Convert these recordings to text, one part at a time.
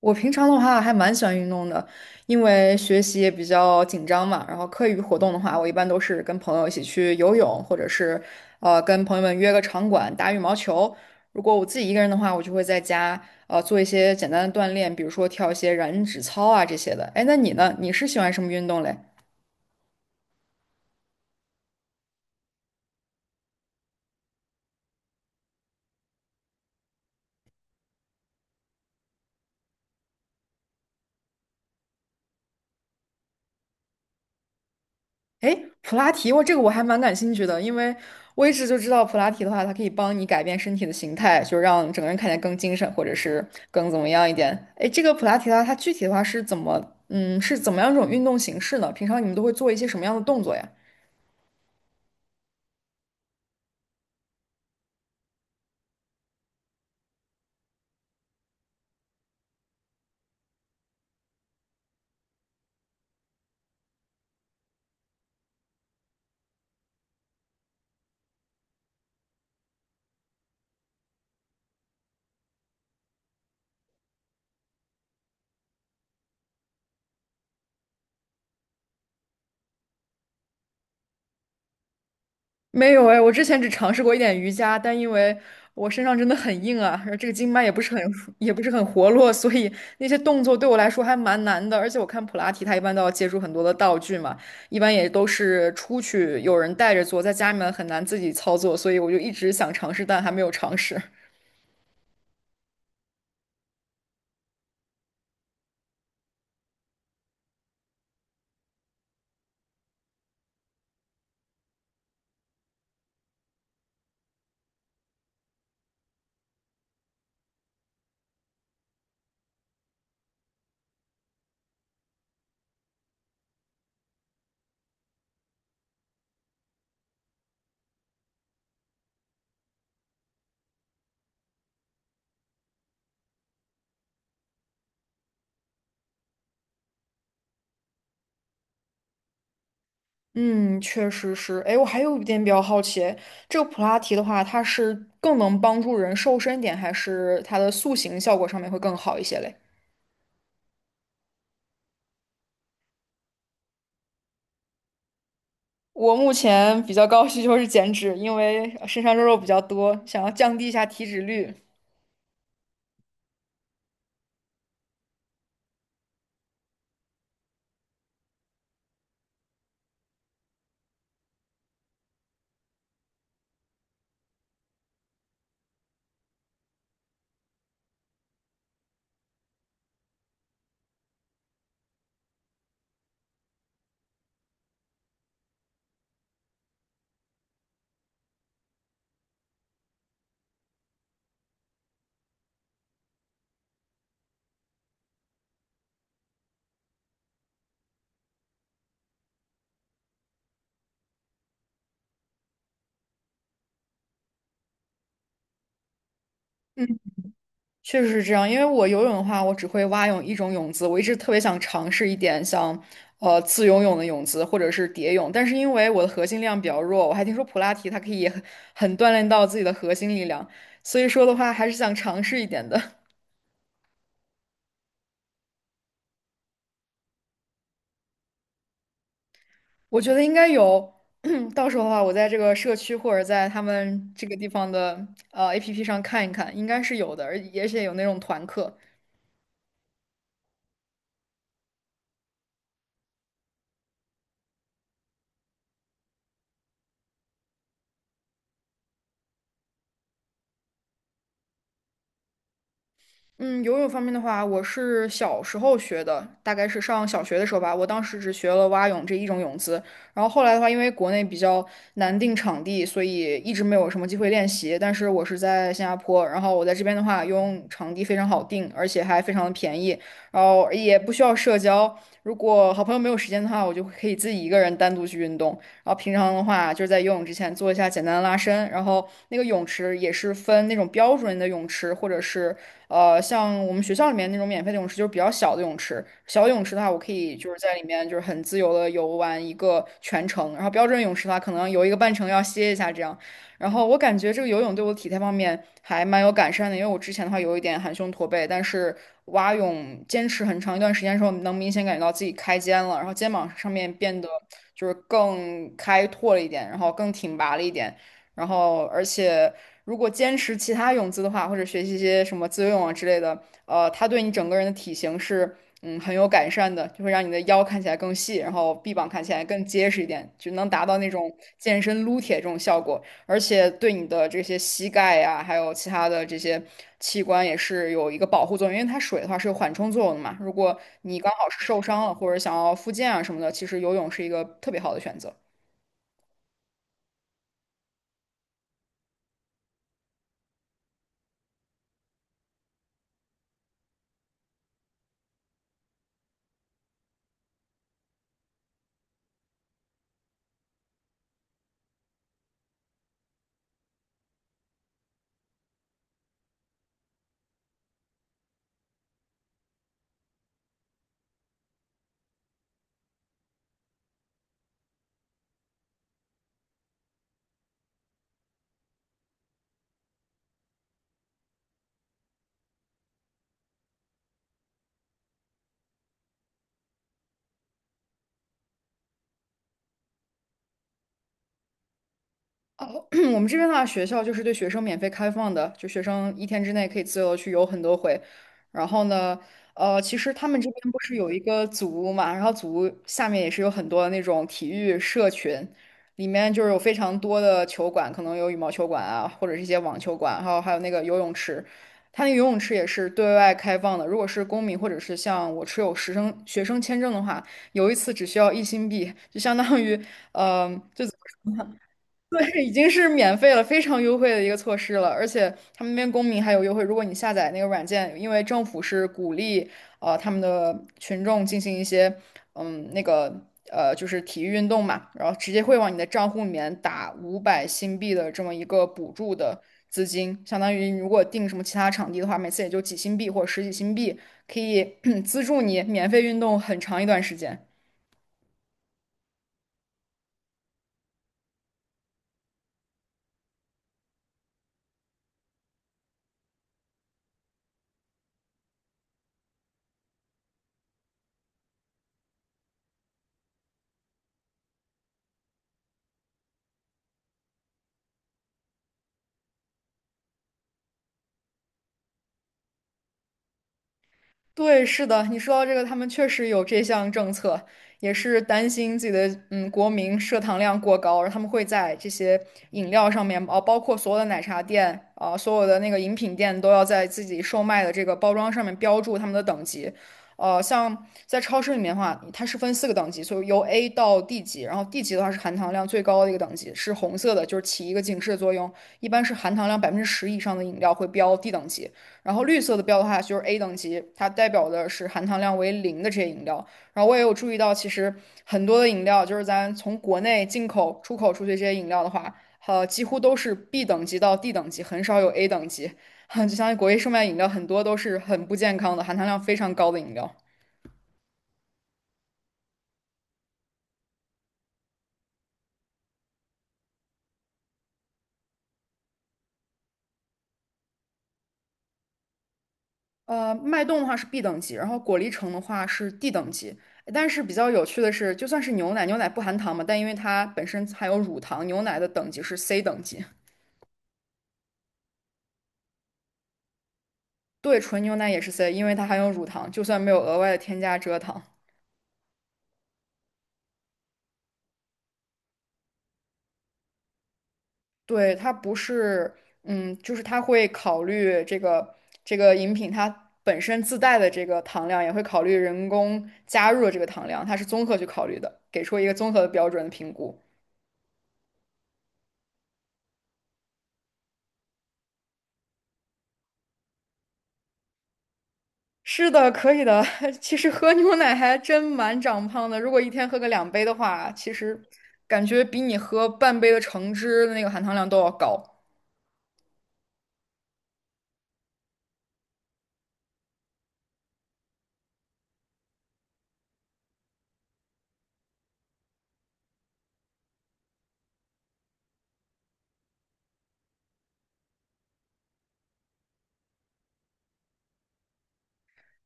我平常的话还蛮喜欢运动的，因为学习也比较紧张嘛。然后课余活动的话，我一般都是跟朋友一起去游泳，或者是跟朋友们约个场馆打羽毛球。如果我自己一个人的话，我就会在家做一些简单的锻炼，比如说跳一些燃脂操啊这些的。哎，那你呢？你是喜欢什么运动嘞？诶，普拉提，我这个我还蛮感兴趣的，因为我一直就知道普拉提的话，它可以帮你改变身体的形态，就让整个人看起来更精神，或者是更怎么样一点。诶，这个普拉提的话，它具体的话是怎么，嗯，是怎么样一种运动形式呢？平常你们都会做一些什么样的动作呀？没有哎，我之前只尝试过一点瑜伽，但因为我身上真的很硬啊，而这个经脉也不是很 也不是很活络，所以那些动作对我来说还蛮难的。而且我看普拉提，它一般都要借助很多的道具嘛，一般也都是出去有人带着做，在家里面很难自己操作，所以我就一直想尝试，但还没有尝试。嗯，确实是。哎，我还有一点比较好奇，这个普拉提的话，它是更能帮助人瘦身一点，还是它的塑形效果上面会更好一些嘞？我目前比较高的需求是减脂，因为身上肉肉比较多，想要降低一下体脂率。确实是这样，因为我游泳的话，我只会蛙泳一种泳姿，我一直特别想尝试一点像，自由泳的泳姿或者是蝶泳，但是因为我的核心量比较弱，我还听说普拉提它可以很锻炼到自己的核心力量，所以说的话还是想尝试一点的。我觉得应该有，到时候的话，我在这个社区或者在他们这个地方的APP 上看一看，应该是有的，而且有那种团课，嗯，游泳方面的话，我是小时候学的，大概是上小学的时候吧。我当时只学了蛙泳这一种泳姿，然后后来的话，因为国内比较难定场地，所以一直没有什么机会练习。但是我是在新加坡，然后我在这边的话，游泳场地非常好定，而且还非常的便宜，然后也不需要社交。如果好朋友没有时间的话，我就可以自己一个人单独去运动。然后平常的话，就是在游泳之前做一下简单的拉伸，然后那个泳池也是分那种标准的泳池，或者是像我们学校里面那种免费的泳池，就是比较小的泳池。小泳池的话，我可以就是在里面就是很自由的游玩一个全程。然后标准泳池的话，可能游一个半程要歇一下这样。然后我感觉这个游泳对我体态方面还蛮有改善的，因为我之前的话有一点含胸驼背，但是蛙泳坚持很长一段时间的时候，能明显感觉到自己开肩了，然后肩膀上面变得就是更开拓了一点，然后更挺拔了一点。然后而且如果坚持其他泳姿的话，或者学习一些什么自由泳啊之类的，它对你整个人的体型是很有改善的，就会让你的腰看起来更细，然后臂膀看起来更结实一点，就能达到那种健身撸铁这种效果，而且对你的这些膝盖呀、还有其他的这些器官也是有一个保护作用，因为它水的话是有缓冲作用的嘛，如果你刚好是受伤了或者想要复健啊什么的，其实游泳是一个特别好的选择。哦，我们这边的话，学校就是对学生免费开放的，就学生一天之内可以自由地去游很多回。然后呢，其实他们这边不是有一个组屋嘛，然后组屋下面也是有很多那种体育社群，里面就是有非常多的球馆，可能有羽毛球馆啊，或者是一些网球馆，还有那个游泳池。它那个游泳池也是对外开放的，如果是公民或者是像我持有学生签证的话，游一次只需要1新币，就相当于，嗯、对，已经是免费了，非常优惠的一个措施了，而且他们那边公民还有优惠。如果你下载那个软件，因为政府是鼓励他们的群众进行一些那个就是体育运动嘛，然后直接会往你的账户里面打500新币的这么一个补助的资金，相当于如果订什么其他场地的话，每次也就几新币或者十几新币，可以 资助你免费运动很长一段时间。对，是的，你说到这个，他们确实有这项政策，也是担心自己的国民摄糖量过高，然后他们会在这些饮料上面，哦，包括所有的奶茶店啊、所有的那个饮品店都要在自己售卖的这个包装上面标注他们的等级。呃，像在超市里面的话，它是分四个等级，所以由 A 到 D 级，然后 D 级的话是含糖量最高的一个等级，是红色的，就是起一个警示的作用，一般是含糖量10%以上的饮料会标 D 等级。然后绿色的标的话就是 A 等级，它代表的是含糖量为零的这些饮料。然后我也有注意到，其实很多的饮料，就是咱从国内进口、出口出去这些饮料的话，几乎都是 B 等级到 D 等级，很少有 A 等级。就相当于国内售卖饮料很多都是很不健康的，含糖量非常高的饮料。脉动的话是 B 等级，然后果粒橙的话是 D 等级。但是比较有趣的是，就算是牛奶，牛奶不含糖嘛，但因为它本身含有乳糖，牛奶的等级是 C 等级。对，纯牛奶也是 C,因为它含有乳糖，就算没有额外的添加蔗糖。对，它不是，嗯，就是它会考虑这个这个饮品它本身自带的这个糖量，也会考虑人工加入的这个糖量，它是综合去考虑的，给出一个综合的标准的评估。是的，可以的。其实喝牛奶还真蛮长胖的，如果一天喝个两杯的话，其实感觉比你喝半杯的橙汁的那个含糖量都要高。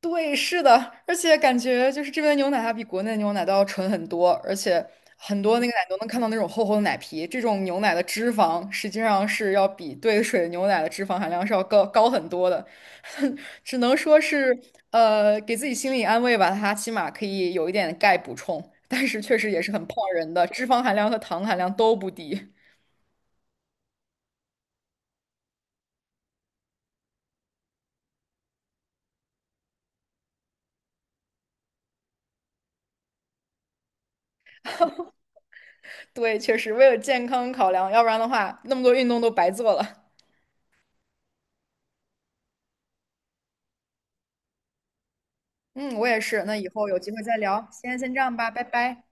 对，是的，而且感觉就是这边的牛奶它比国内的牛奶都要纯很多，而且很多那个奶都能看到那种厚厚的奶皮。这种牛奶的脂肪实际上是要比兑水牛奶的脂肪含量是要高很多的，只能说是给自己心理安慰吧，它起码可以有一点钙补充，但是确实也是很胖人的，脂肪含量和糖含量都不低。对，确实为了健康考量，要不然的话那么多运动都白做了。嗯，我也是。那以后有机会再聊，先这样吧，拜拜。